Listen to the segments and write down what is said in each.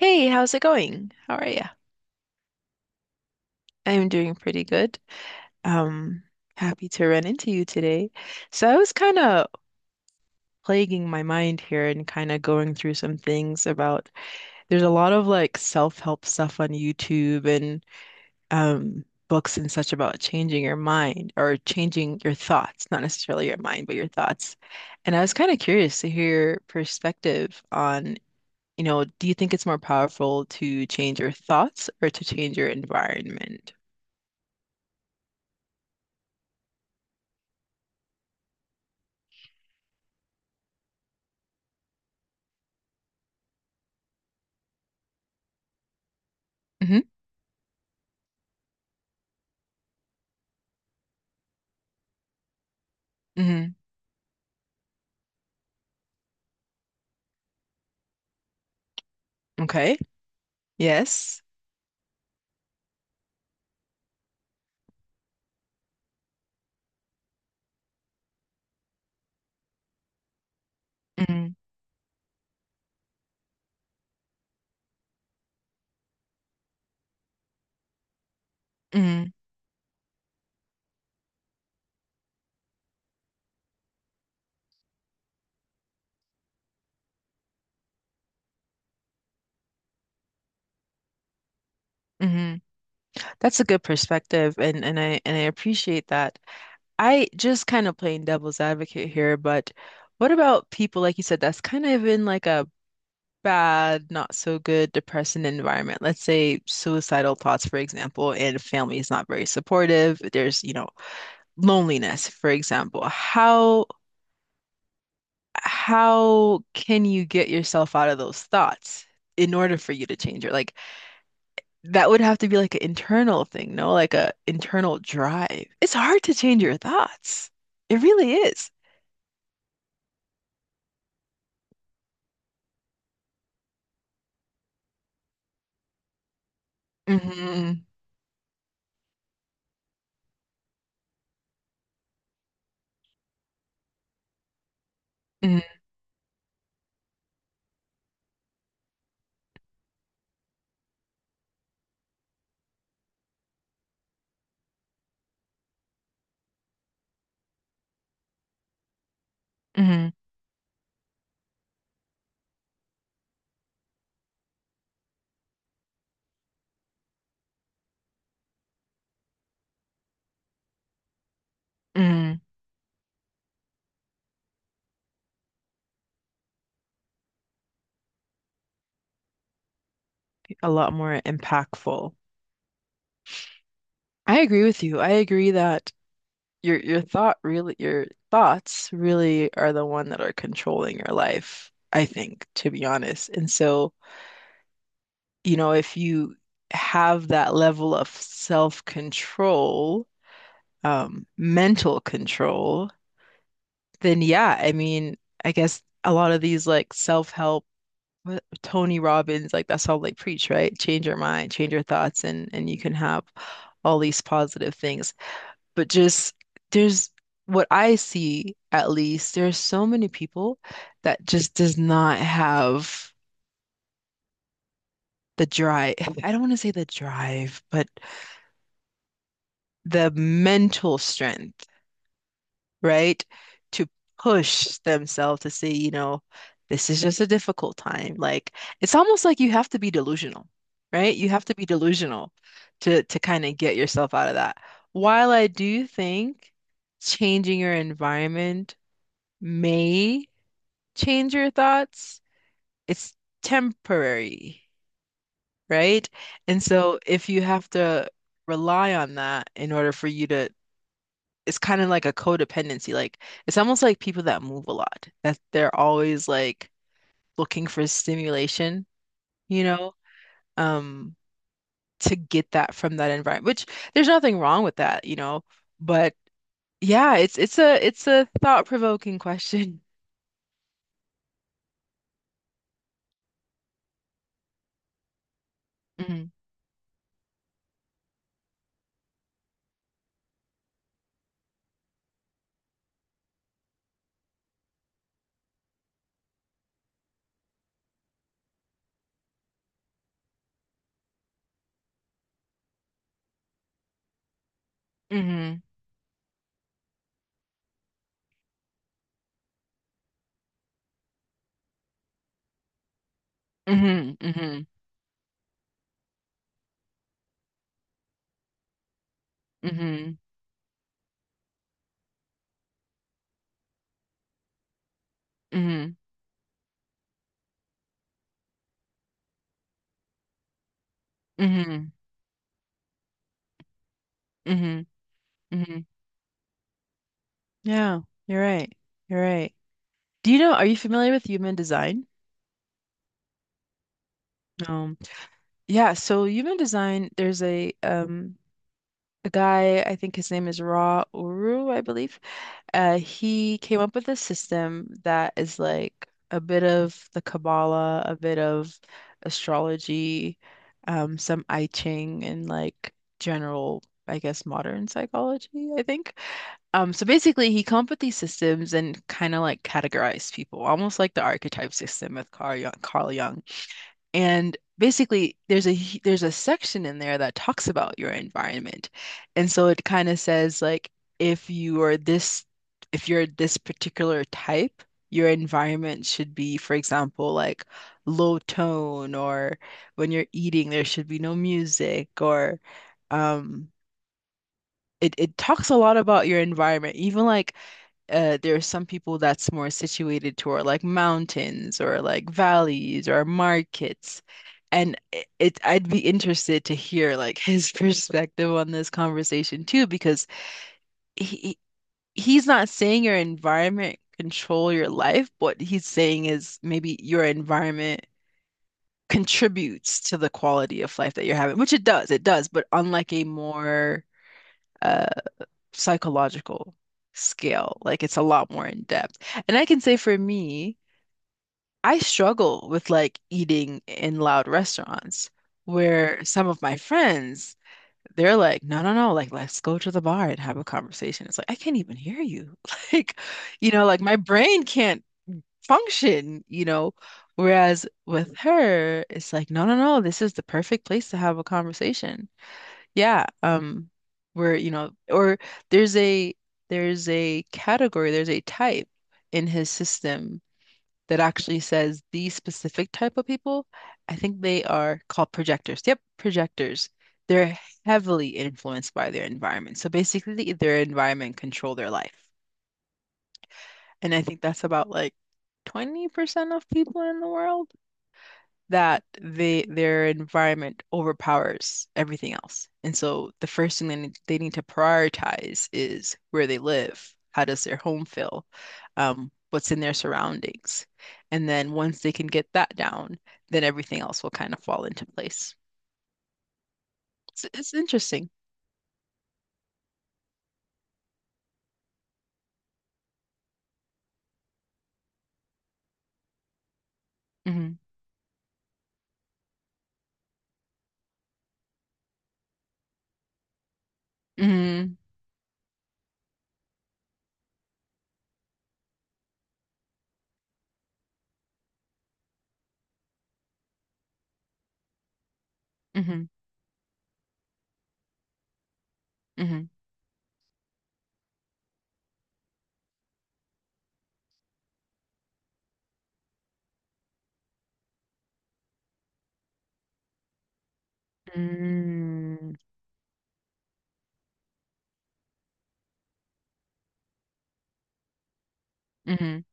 Hey, how's it going? How are you? I'm doing pretty good. Um, happy to run into you today. So I was kind of plaguing my mind here and kind of going through some things about there's a lot of like self-help stuff on YouTube and books and such about changing your mind or changing your thoughts, not necessarily your mind, but your thoughts. And I was kind of curious to hear your perspective on, do you think it's more powerful to change your thoughts or to change your environment? Hmm. Hmm. Okay. Yes. Mm-hmm. Mm-hmm. That's a good perspective, and I appreciate that. I just kind of playing devil's advocate here, but what about people like you said that's kind of in like a bad, not so good, depressing environment? Let's say suicidal thoughts, for example, and family is not very supportive. There's, loneliness, for example. How can you get yourself out of those thoughts in order for you to change it? Like that would have to be like an internal thing, no? Like a internal drive. It's hard to change your thoughts. It really is. Hmm. Hmm. Hmm. Hmm. A lot more impactful. I agree with you. I agree that your thoughts really are the one that are controlling your life, I think, to be honest. And so, if you have that level of self-control, mental control, then yeah, I mean, I guess a lot of these like self-help Tony Robbins, like that's all they preach, right? Change your mind, change your thoughts, and you can have all these positive things. But just there's what I see at least, there's so many people that just does not have the drive. I don't want to say the drive, but the mental strength, right? To push themselves to say, this is just a difficult time. Like it's almost like you have to be delusional, right? You have to be delusional to kind of get yourself out of that. While I do think changing your environment may change your thoughts, it's temporary, right? And so if you have to rely on that in order for you to, it's kind of like a codependency. Like it's almost like people that move a lot, that they're always like looking for stimulation, you know, um, to get that from that environment, which there's nothing wrong with that. But yeah, it's a thought-provoking question. Hmm. Hmm. Hmm. Hmm. Hmm. Hmm. Hmm. Hmm. Hmm. Yeah, you're right. You're right. Do you know, are you familiar with human design? Um, yeah, so human design, there's a guy, I think his name is Ra Uru, I believe. He came up with a system that is like a bit of the Kabbalah, a bit of astrology, some I Ching, and like general, I guess, modern psychology, I think. So basically, he come up with these systems and kind of like categorize people, almost like the archetype system with Carl Jung, Carl Jung. And basically, there's a section in there that talks about your environment. And so it kind of says like if you are this if you're this particular type, your environment should be, for example, like low tone or when you're eating, there should be no music, or um it talks a lot about your environment, even like there are some people that's more situated toward like mountains or like valleys or markets. And I'd be interested to hear like his perspective on this conversation too, because he he's not saying your environment control your life. What he's saying is maybe your environment contributes to the quality of life that you're having, which it does, but unlike a more uh, psychological scale. Like it's a lot more in depth. And I can say for me, I struggle with like eating in loud restaurants where some of my friends, they're like, "No, no, no, like let's go to the bar and have a conversation." It's like, I can't even hear you. Like, like my brain can't function. Whereas with her, it's like, "No, no, no, this is the perfect place to have a conversation." Yeah, where or there's a there's a category, there's a type in his system that actually says these specific type of people. I think they are called projectors. Yep, projectors. They're heavily influenced by their environment. So basically, their environment control their life. And I think that's about like 20% of people in the world that they their environment overpowers everything else. And so the first thing they need to prioritize is where they live. How does their home feel? What's in their surroundings? And then once they can get that down, then everything else will kind of fall into place. It's interesting. Hmm. Hmm. Hmm. Hmm. Mm. Mhm.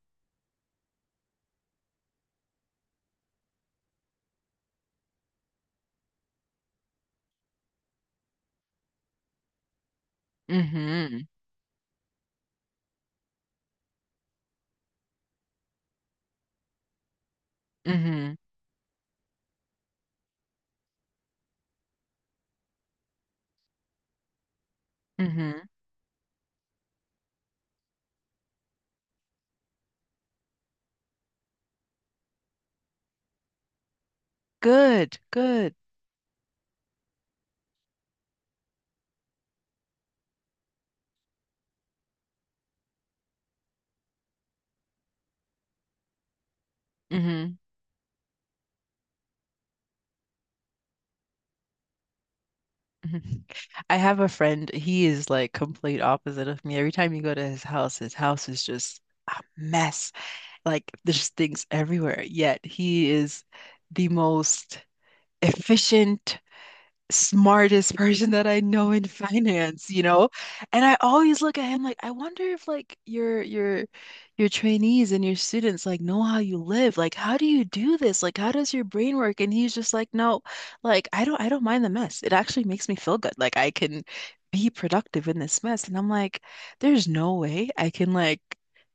Mhm. Mhm. Mhm. Good, good. Mhm. Mhm. I have a friend, he is like complete opposite of me. Every time you go to his house is just a mess. Like there's things everywhere. Yet he is the most efficient, smartest person that I know in finance, you know? And I always look at him like, I wonder if like your trainees and your students like know how you live. Like, how do you do this? Like, how does your brain work? And he's just like, "No, like I don't mind the mess. It actually makes me feel good. Like I can be productive in this mess." And I'm like, there's no way I can like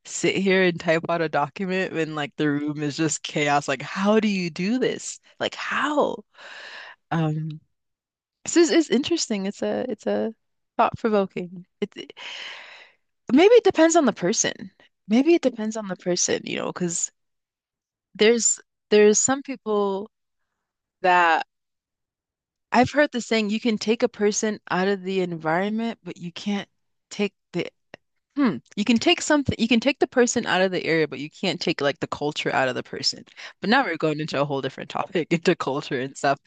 sit here and type out a document when like the room is just chaos. Like, how do you do this? Like, how? Um, this is interesting. It's a thought provoking. Maybe it depends on the person. Maybe it depends on the person, because there's there's some people that I've heard the saying you can take a person out of the environment, but you can't take the. Hmm. You can take something, you can take the person out of the area, but you can't take like the culture out of the person. But now we're going into a whole different topic, into culture and stuff.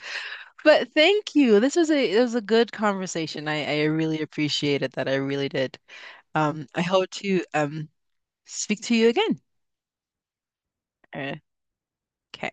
But thank you. This was a it was a good conversation. I really appreciated that. I really did. I hope to speak to you again. Uh, Okay.